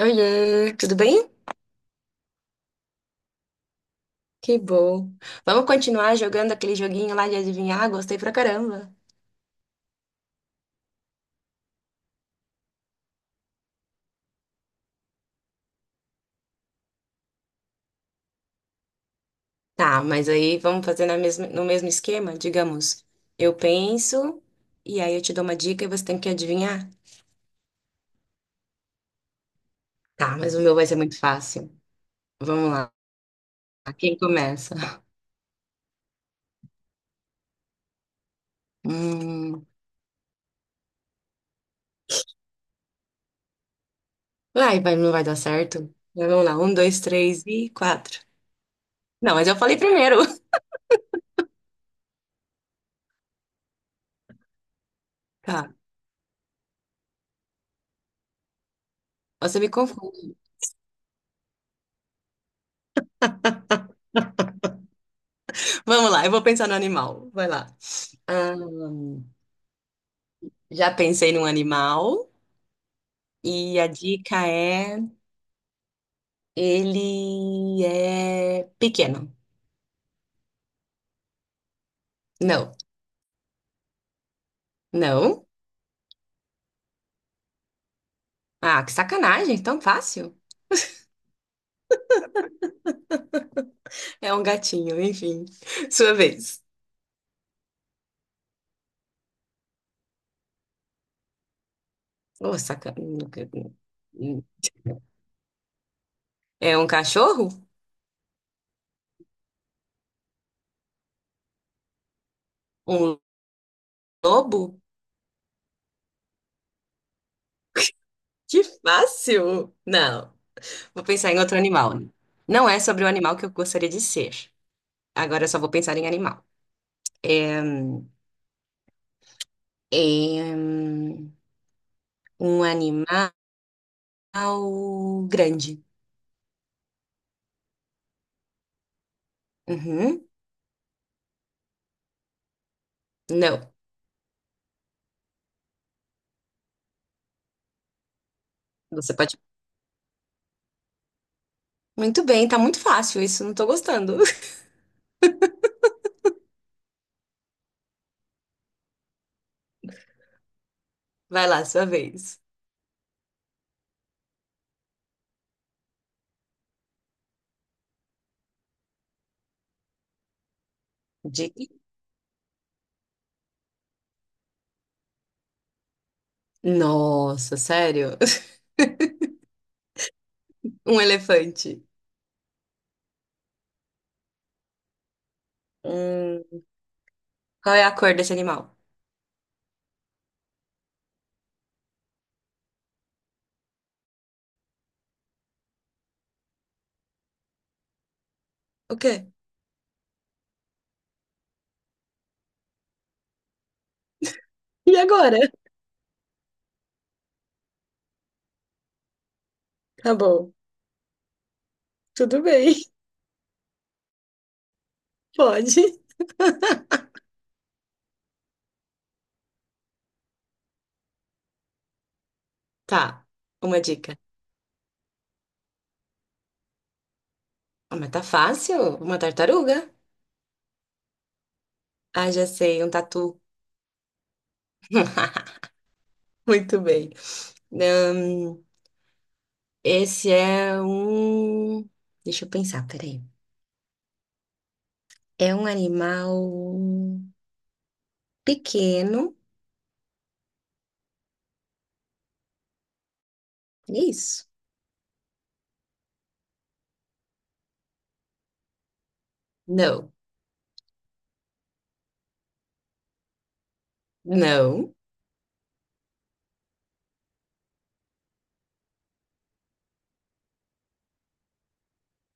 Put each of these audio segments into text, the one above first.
Oiê, tudo bem? Que bom. Vamos continuar jogando aquele joguinho lá de adivinhar? Gostei pra caramba. Tá, mas aí vamos fazer na mesma, no mesmo esquema? Digamos, eu penso e aí eu te dou uma dica e você tem que adivinhar. Tá, mas o meu vai ser muito fácil. Vamos lá. Quem começa? Hum, vai, vai, não vai dar certo? Mas vamos lá, um, dois, três e quatro. Não, mas eu falei primeiro. Tá, você me confunde. Vamos lá, eu vou pensar no animal. Vai lá. Ah, já pensei num animal. E a dica é: ele é pequeno. Não, não. Ah, que sacanagem, tão fácil. É um gatinho, enfim. Sua vez. Oh, sacanagem. É um cachorro? Um lobo? Que fácil! Não, vou pensar em outro animal. Não é sobre o animal que eu gostaria de ser. Agora eu só vou pensar em animal. É, é, hum, um animal grande. Uhum. Não. Você pode. Muito bem, tá muito fácil isso, não tô gostando. Vai lá, sua vez. Diga. Nossa, sério? Um elefante. Hum, qual é a cor desse animal? O quê? E agora? Tá bom. Tudo bem, pode. Tá, uma dica. Ah, mas tá fácil. Uma tartaruga. Ah, já sei, um tatu. Muito bem. Hum, esse é um. Deixa eu pensar, peraí. É um animal pequeno. É isso. Não. Não.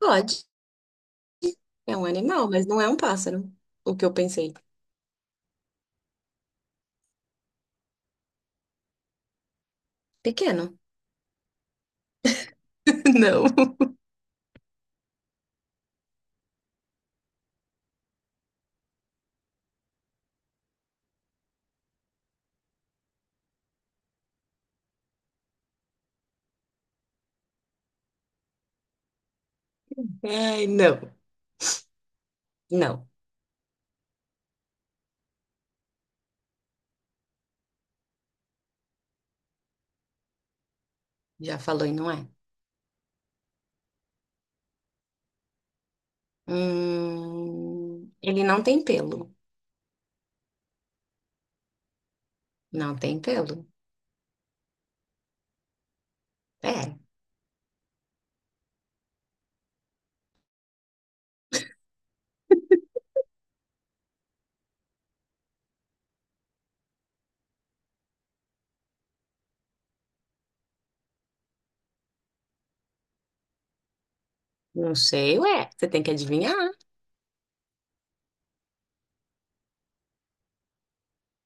Pode. É um animal, mas não é um pássaro. O que eu pensei. Pequeno. Não. Ai, não. Não. Já falou e não é. Ele não tem pelo. Não tem pelo. É. Não sei, ué. Você tem que adivinhar.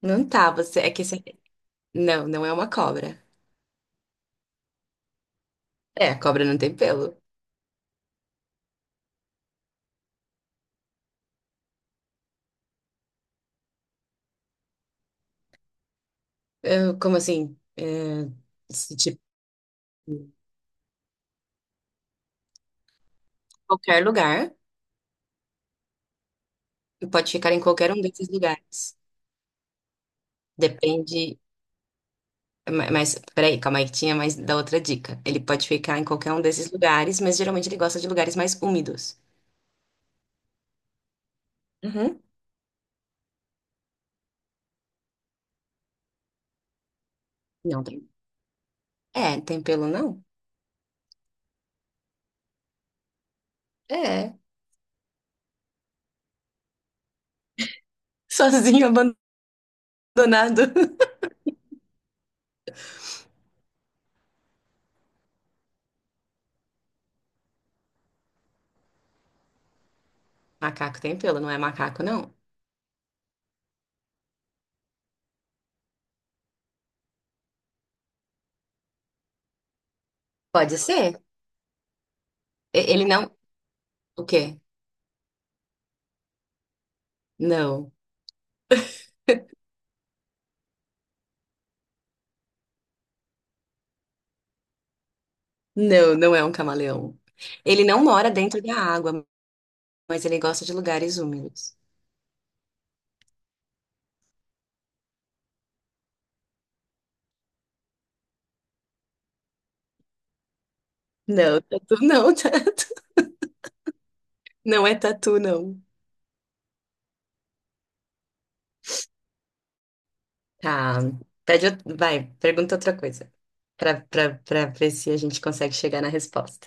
Não tá, você. É que você. Não, não é uma cobra. É, a cobra não tem pelo. Como assim? É, se, tipo, qualquer lugar. Pode ficar em qualquer um desses lugares. Depende. Mas, peraí, calma aí que tinha mais da outra dica. Ele pode ficar em qualquer um desses lugares, mas geralmente ele gosta de lugares mais úmidos. Uhum. Não tem. É, tem pelo não? É, sozinho, abandonado. Macaco tem pelo, não é macaco, não? Pode ser. Ele não. O quê? Não. Não, não é um camaleão. Ele não mora dentro da água, mas ele gosta de lugares úmidos. Não, tatu não, tatu. Não é tatu, não. Tá. Pede, vai, pergunta outra coisa. Pra ver se a gente consegue chegar na resposta.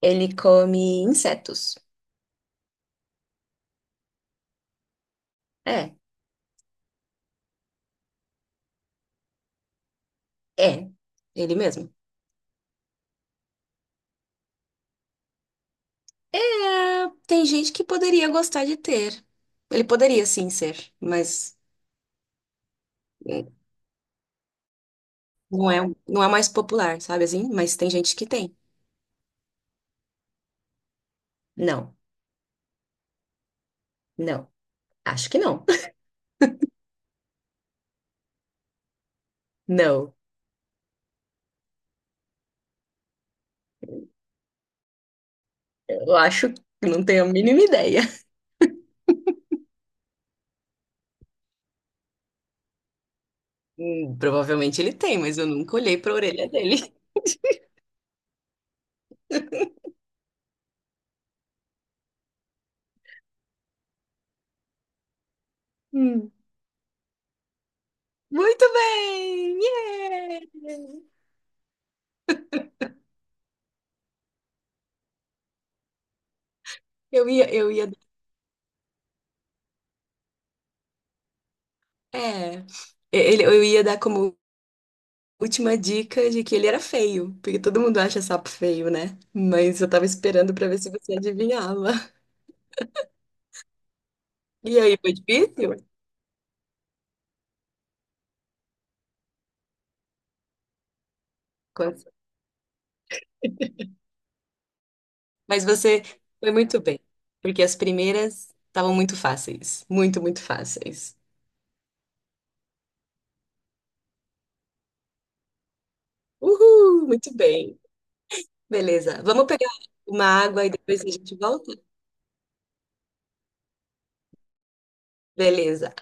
Ele come insetos. É, é. Ele mesmo. É, tem gente que poderia gostar de ter. Ele poderia sim ser, mas hum, não é, não é mais popular, sabe assim? Mas tem gente que tem. Não, não. Acho que não. Não. Eu acho que não tenho a mínima ideia. Provavelmente ele tem, mas eu nunca olhei pra orelha dele. Muito bem! Yeah! Eu ia, eu ia, é, eu ia dar como última dica de que ele era feio, porque todo mundo acha sapo feio, né? Mas eu tava esperando pra ver se você adivinhava. E aí, foi difícil? Quanto- Mas você foi muito bem, porque as primeiras estavam muito fáceis, muito fáceis. Uhul, muito bem. Beleza, vamos pegar uma água e depois a gente volta? Beleza.